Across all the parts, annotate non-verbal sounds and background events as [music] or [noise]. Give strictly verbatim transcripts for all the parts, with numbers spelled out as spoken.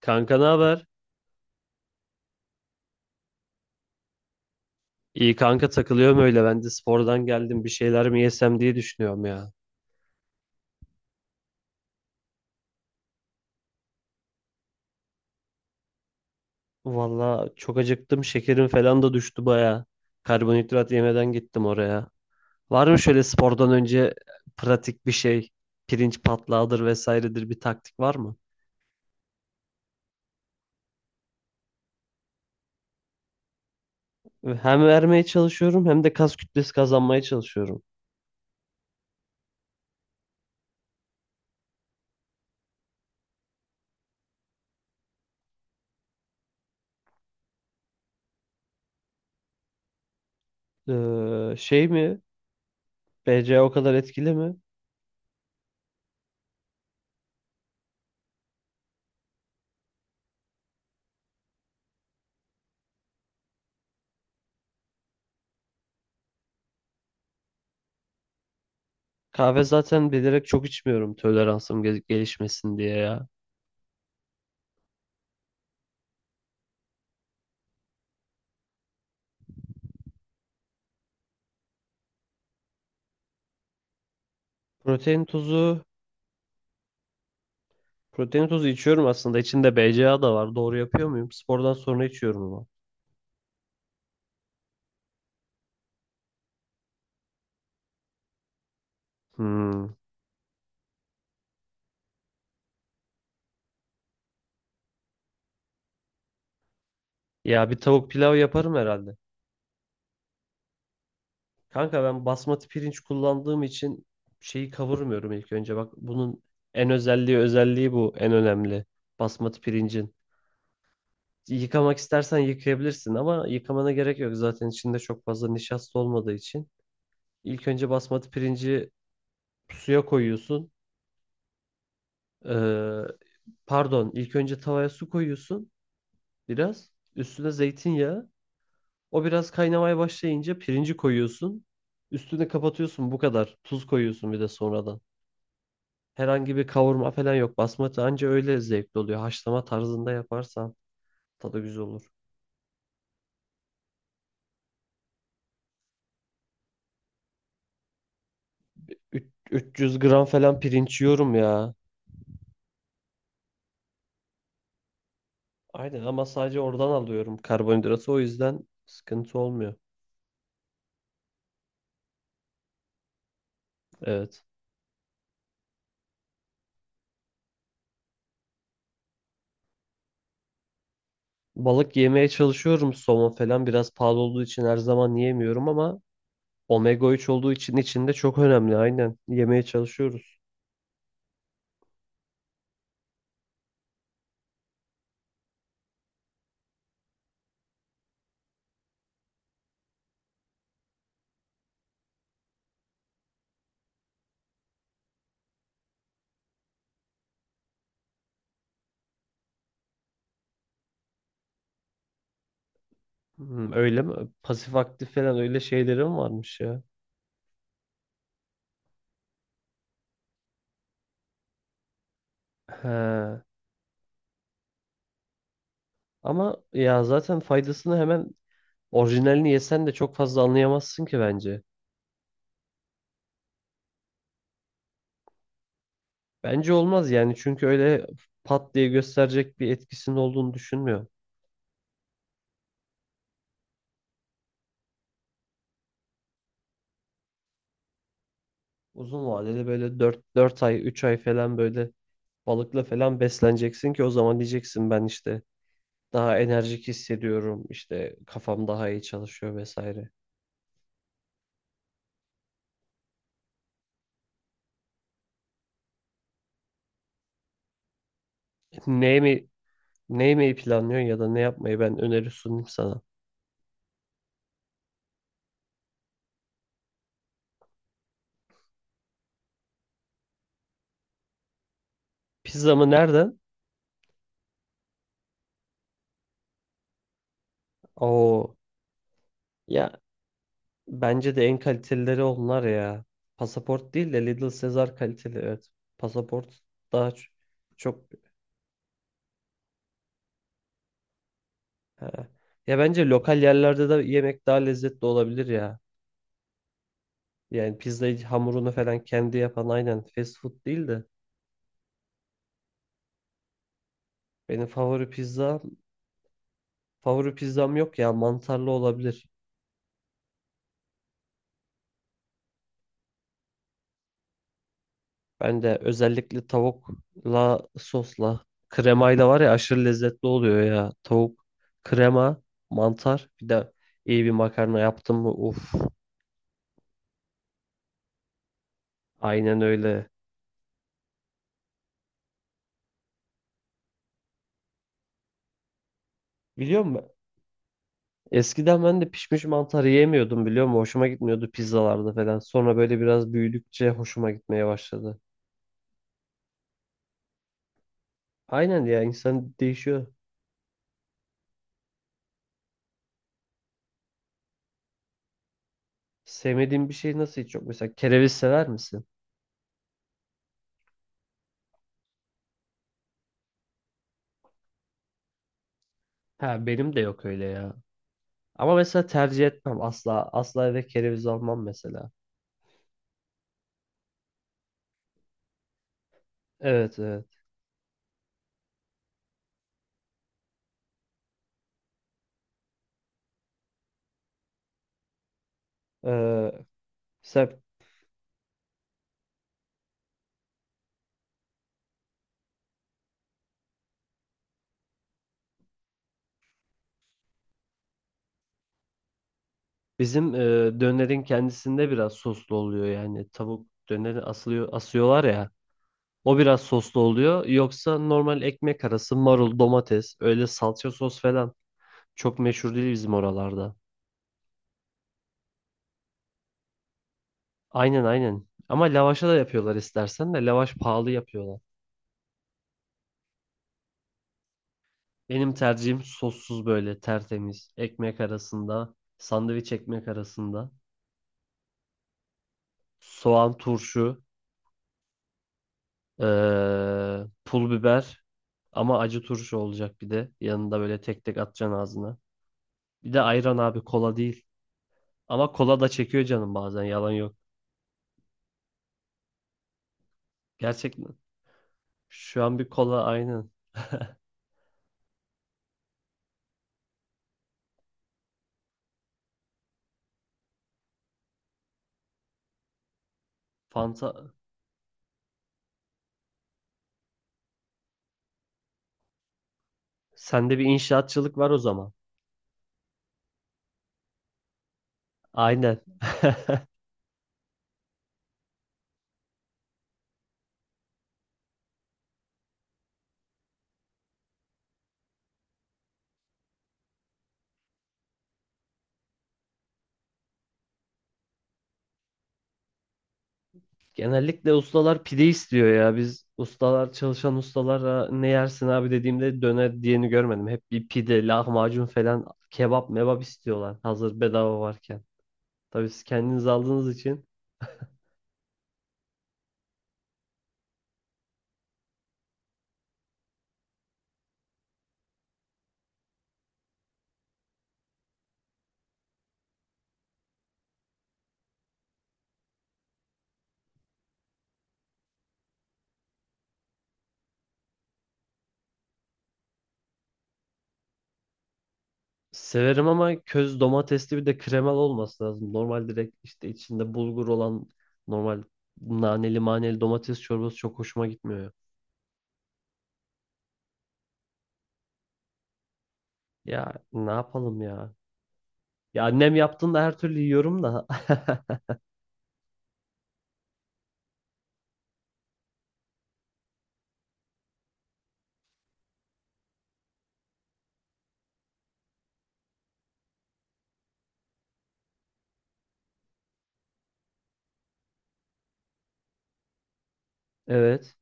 Kanka ne haber? İyi kanka takılıyorum öyle. Ben de spordan geldim. Bir şeyler mi yesem diye düşünüyorum ya. Valla çok acıktım. Şekerim falan da düştü baya. Karbonhidrat yemeden gittim oraya. Var mı şöyle spordan önce pratik bir şey? Pirinç patlağıdır vesairedir bir taktik var mı? Hem vermeye çalışıyorum hem de kas kütlesi kazanmaya çalışıyorum. Ee, şey mi? B C A o kadar etkili mi? Kahve zaten bilerek çok içmiyorum toleransım gel- gelişmesin diye ya. Protein tozu Protein tozu içiyorum aslında. İçinde B C A A da var. Doğru yapıyor muyum? Spordan sonra içiyorum ama. Hmm. Ya bir tavuk pilav yaparım herhalde. Kanka ben basmati pirinç kullandığım için şeyi kavurmuyorum ilk önce. Bak bunun en özelliği özelliği bu. En önemli. Basmati pirincin. Yıkamak istersen yıkayabilirsin ama yıkamana gerek yok. Zaten içinde çok fazla nişasta olmadığı için. İlk önce basmati pirinci suya koyuyorsun. Ee, Pardon, ilk önce tavaya su koyuyorsun biraz. Üstüne zeytinyağı. O biraz kaynamaya başlayınca pirinci koyuyorsun. Üstüne kapatıyorsun bu kadar. Tuz koyuyorsun bir de sonradan. Herhangi bir kavurma falan yok. Basmati anca öyle zevkli oluyor. Haşlama tarzında yaparsan tadı güzel olur. Üç- 300 gram falan pirinç yiyorum ya. Aynen ama sadece oradan alıyorum karbonhidratı. O yüzden sıkıntı olmuyor. Evet. Balık yemeye çalışıyorum. Somon falan biraz pahalı olduğu için her zaman yiyemiyorum ama omega üç olduğu için içinde çok önemli. Aynen. Yemeye çalışıyoruz. Hmm, öyle mi? Pasif aktif falan öyle şeylerim varmış ya. He. Ama ya zaten faydasını hemen orijinalini yesen de çok fazla anlayamazsın ki bence. Bence olmaz yani çünkü öyle pat diye gösterecek bir etkisinin olduğunu düşünmüyorum. Uzun vadede böyle dört dört ay üç ay falan böyle balıkla falan besleneceksin ki o zaman diyeceksin ben işte daha enerjik hissediyorum işte kafam daha iyi çalışıyor vesaire. Ne mi ne yemeyi planlıyorsun ya da ne yapmayı ben öneri sunayım sana. Pizza mı nereden? Oo. Ya bence de en kalitelileri onlar ya. Pasaport değil de Little Caesar kaliteli evet. Pasaport daha ç- çok he. Ya bence lokal yerlerde de yemek daha lezzetli olabilir ya. Yani pizzayı hamurunu falan kendi yapan aynen fast food değil de benim favori pizza favori pizzam yok ya mantarlı olabilir. Ben de özellikle tavukla sosla kremayla var ya aşırı lezzetli oluyor ya. Tavuk, krema, mantar bir de iyi bir makarna yaptım mı uf. Aynen öyle. Biliyor musun? Eskiden ben de pişmiş mantar yiyemiyordum biliyor musun? Hoşuma gitmiyordu pizzalarda falan. Sonra böyle biraz büyüdükçe hoşuma gitmeye başladı. Aynen ya insan değişiyor. Sevmediğin bir şey nasıl hiç yok? Mesela kereviz sever misin? Ha benim de yok öyle ya. Ama mesela tercih etmem asla. Asla eve kereviz almam mesela. Evet, evet. Ee, mesela bizim e, dönerin kendisinde biraz soslu oluyor yani tavuk döneri asılıyor asıyorlar ya o biraz soslu oluyor yoksa normal ekmek arası marul domates öyle salça sos falan çok meşhur değil bizim oralarda. Aynen, aynen ama lavaşa da yapıyorlar istersen de lavaş pahalı yapıyorlar. Benim tercihim sossuz böyle tertemiz ekmek arasında sandviç ekmek arasında soğan turşu, Ee, pul biber, ama acı turşu olacak bir de. Yanında böyle tek tek atacaksın ağzına. Bir de ayran abi, kola değil. Ama kola da çekiyor canım bazen yalan yok. Gerçekten. Şu an bir kola aynen. Fanta. Sende bir inşaatçılık var o zaman. Aynen. [laughs] Genellikle ustalar pide istiyor ya. Biz ustalar çalışan ustalara ne yersin abi dediğimde döner diyeni görmedim. Hep bir pide, lahmacun falan kebap mebap istiyorlar. Hazır bedava varken. Tabii siz kendiniz aldığınız için severim ama köz domatesli bir de kremalı olması lazım. Normal direkt işte içinde bulgur olan normal naneli maneli domates çorbası çok hoşuma gitmiyor. Ya Ya ne yapalım ya? Ya annem yaptığında her türlü yiyorum da. [laughs] Evet,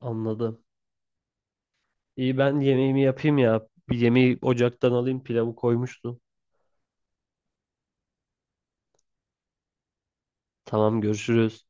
anladım. İyi ben yemeğimi yapayım ya. Bir yemeği ocaktan alayım, pilavı koymuştu. Tamam, görüşürüz.